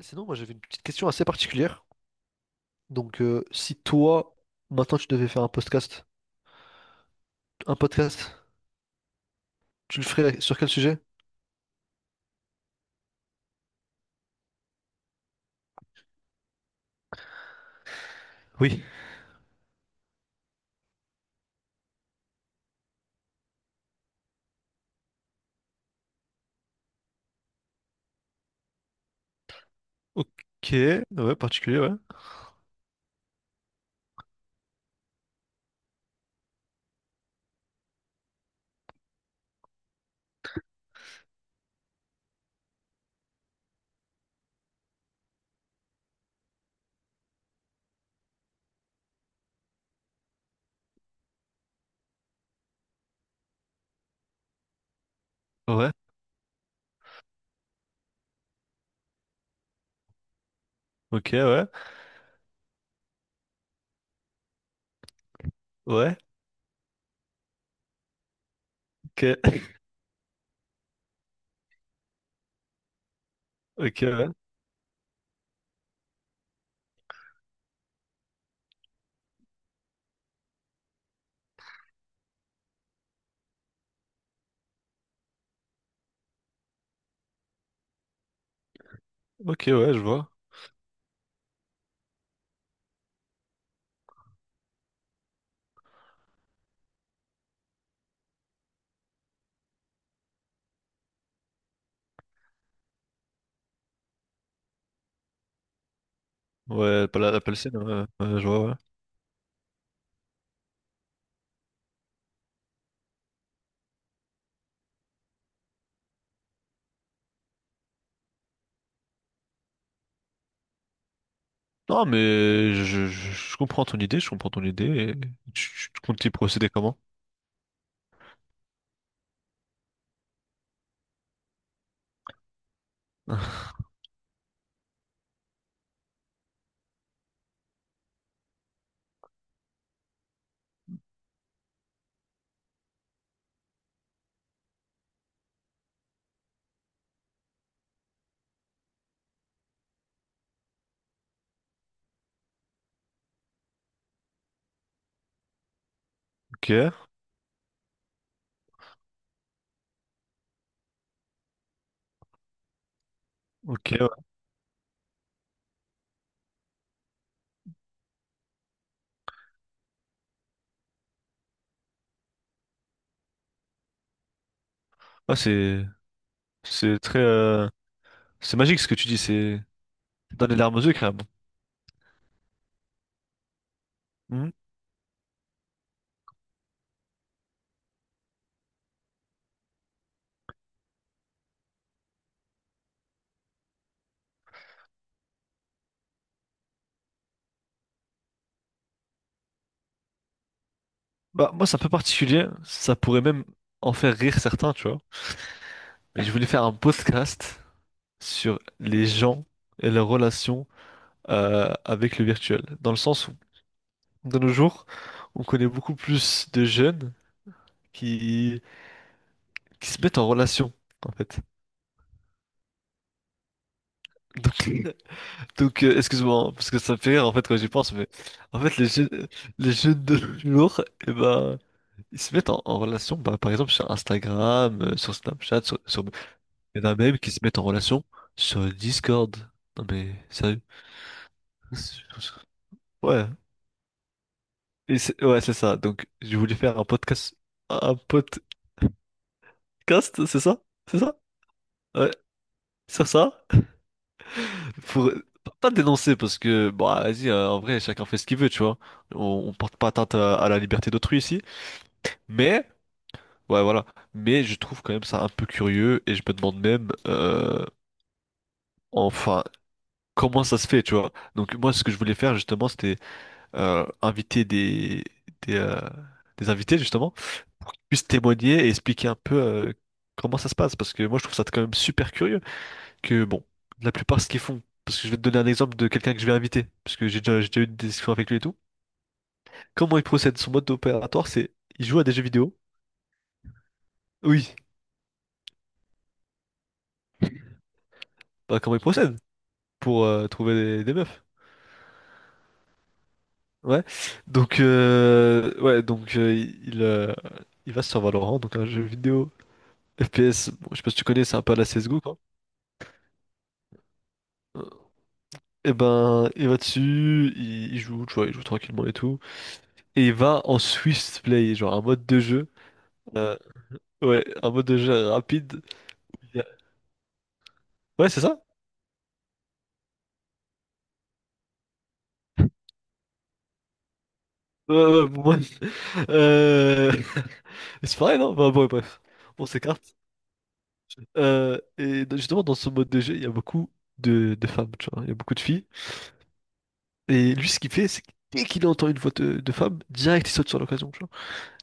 Sinon, moi j'avais une petite question assez particulière. Donc, si toi, maintenant tu devais faire un podcast, tu le ferais sur quel sujet? Oui. Ok. Ouais, particulier, ouais. Ouais. Ok, ouais. Ouais. Ok. Ok, ouais. Ok, ouais, je vois. Ouais, pas la Palestine, ouais, ouais, je vois, ouais. Non, mais je comprends ton idée, je comprends ton idée. Et tu comptes y procéder comment? Ok, ok, ouais. Ah, c'est très, c'est magique ce que tu dis, c'est dans les larmes aux yeux, carrément. Bah, moi, c'est un peu particulier. Ça pourrait même en faire rire certains, tu vois. Mais je voulais faire un podcast sur les gens et leurs relations avec le virtuel. Dans le sens où, de nos jours, on connaît beaucoup plus de jeunes qui, qui se mettent en relation, en fait. Donc, excuse-moi, hein, parce que ça me fait rire, en fait, quand j'y pense, mais en fait, les jeunes de nos jours, eh ben, ils se mettent en relation, bah, par exemple, sur Instagram, sur Snapchat, sur, sur il y en a même qui se mettent en relation sur Discord. Non mais sérieux. C'est- Ouais. Et ouais, c'est ça. Donc j'ai voulu faire un podcast. Un podcast, c'est ça? C'est ça? Ouais. Sur ça. Pour pas dénoncer parce que bah vas-y, en vrai, chacun fait ce qu'il veut, tu vois. On porte pas atteinte à la liberté d'autrui ici. Mais ouais voilà. Mais je trouve quand même ça un peu curieux et je me demande même enfin comment ça se fait, tu vois. Donc moi ce que je voulais faire justement c'était inviter des, euh, des invités justement pour qu'ils puissent témoigner et expliquer un peu comment ça se passe. Parce que moi, je trouve ça quand même super curieux que, bon, la plupart, ce qu'ils font, parce que je vais te donner un exemple de quelqu'un que je vais inviter, parce que j'ai déjà eu des discussions avec lui et tout. Comment il procède? Son mode opératoire, c'est il joue à des jeux vidéo. Oui. Bah, comment il procède pour trouver des meufs? Ouais. Donc, ouais, il va sur Valorant, donc un jeu vidéo FPS. Bon, je sais pas si tu connais, c'est un peu à la CSGO, quoi. Euh, Et ben, il va dessus, il joue, tu vois, il joue tranquillement et tout. Et il va en Swift Play, genre un mode de jeu. euh, ouais, un mode de jeu rapide. Il y a- Ouais, c'est ça? Ouais, ouais, ouais, pour moi. Euh, C'est pareil, non? Enfin, bon, ouais, bref, on s'écarte. Et justement, dans ce mode de jeu, il y a beaucoup de femmes, tu vois. Il y a beaucoup de filles. Et lui, ce qu'il fait, c'est que dès qu'il entend une voix de femme, direct, il saute sur l'occasion, tu vois.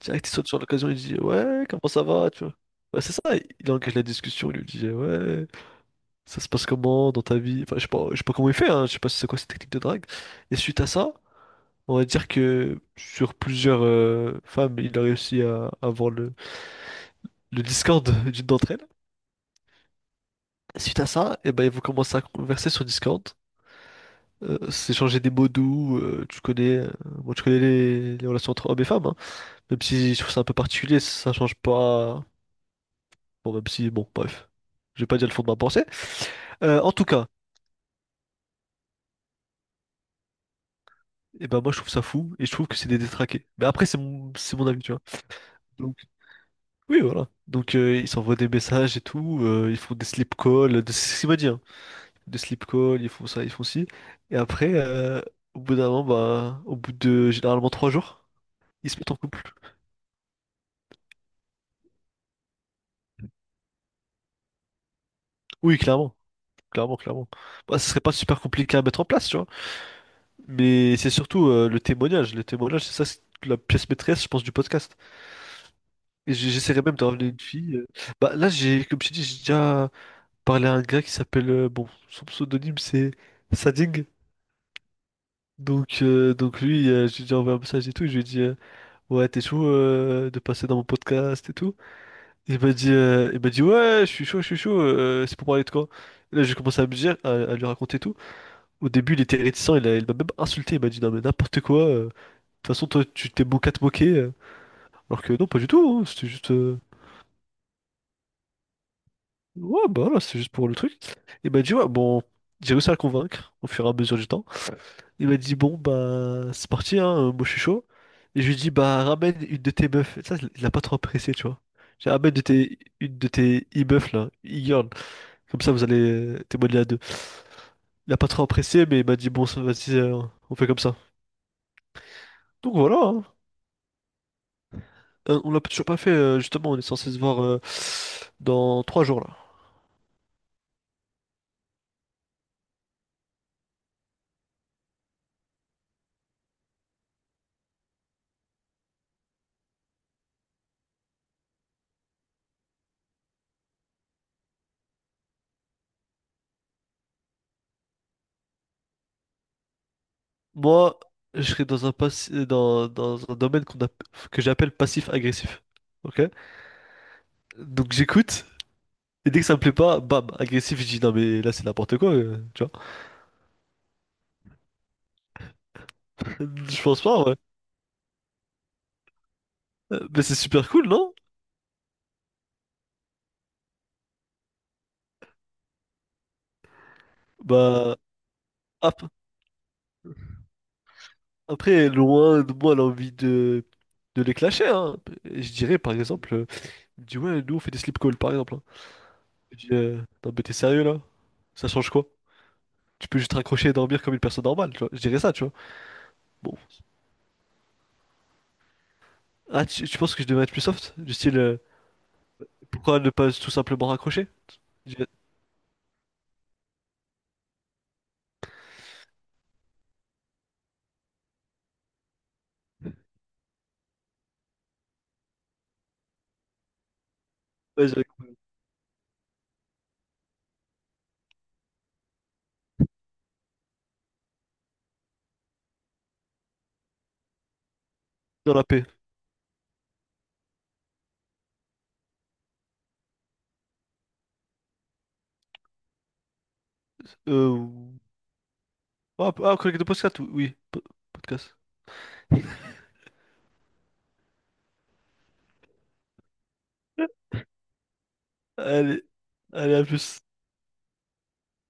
Direct, il saute sur l'occasion, il dit «Ouais, comment ça va?» tu vois. Ouais, c'est ça, il engage la discussion, il lui dit «Ouais, ça se passe comment dans ta vie?» Enfin, je sais pas comment il fait, hein, je sais pas si c'est quoi cette technique de drague. Et suite à ça, on va dire que sur plusieurs femmes, il a réussi à avoir le Discord d'une d'entre elles. Suite à ça, eh ben, ils vont commencer à converser sur Discord, s'échanger des mots doux, tu connais, bon, tu connais les relations entre hommes et femmes, hein. Même si je trouve ça un peu particulier, ça change pas. Bon, même si, bon, bref, je vais pas dire le fond de ma pensée. En tout cas, et ben moi je trouve ça fou et je trouve que c'est des détraqués. Mais après, c'est mon avis, tu vois. Donc, oui, voilà. Donc, ils s'envoient des messages et tout, ils font des slip calls, de... c'est ce qu'il m'a dit, hein. Des slip calls, ils font ça, ils font ci. Et après, au bout d'un moment, bah, au bout de généralement 3 jours, ils se mettent en couple. Oui, clairement. Clairement, clairement. Bah, ce serait pas super compliqué à mettre en place, tu vois. Mais c'est surtout le témoignage. Le témoignage, c'est ça, c'est la pièce maîtresse, je pense, du podcast. J'essaierai même de ramener une fille. Bah là, j'ai, comme je t'ai dit, j'ai déjà parlé à un gars qui s'appelle, bon, son pseudonyme c'est Sading. Donc lui, j'ai déjà envoyé un message et tout. Et je lui ai dit, ouais, t'es chaud de passer dans mon podcast et tout. Il m'a dit, ouais, je suis chaud, je suis chaud. C'est pour parler de quoi? Et là, j'ai commencé à me dire, à lui raconter tout. Au début, il était réticent. Il m'a même insulté. Il m'a dit, non mais n'importe quoi. De toute façon, toi, tu t'es moqué à te moquer. Alors que non, pas du tout, hein. C'était juste. Ouais, bah voilà, c'est juste pour le truc. Il m'a dit, ouais, bon, j'ai réussi à le convaincre au fur et à mesure du temps. Il m'a dit, bon, bah, c'est parti, hein, moi je suis chaud. Et je lui ai dit, bah, ramène une de tes meufs. Et ça, il l'a pas trop apprécié, tu vois. J'ai dit, ramène de tes, une de tes e-meufs, là, e comme ça, vous allez témoigner à deux. Il a pas trop apprécié, mais il m'a dit, bon, ça, vas-y, on fait comme ça. Donc voilà, hein. On l'a toujours pas fait, justement, on est censé se voir dans 3 jours, là. Moi, je serais dans un domaine que j'appelle passif-agressif. Ok? Donc j'écoute, et dès que ça me plaît pas, bam, agressif, je dis non mais là c'est n'importe quoi, tu vois. Je pense pas, ouais. Mais c'est super cool, non? Bah, ap- après, loin de moi l'envie de les clasher, hein. Et je dirais par exemple, il me dit ouais, nous on fait des sleep calls par exemple, hein. Je dis non mais t'es sérieux là? Ça change quoi? Tu peux juste raccrocher et dormir comme une personne normale, tu vois. Je dirais ça, tu vois. Bon. Ah, tu penses que je devrais être plus soft? Du style, pourquoi ne pas tout simplement raccrocher? Je dirais, vas-y, dans la paix. Euh, ah, collègue de podcast, oui. Podcast. Allez, allez, à plus.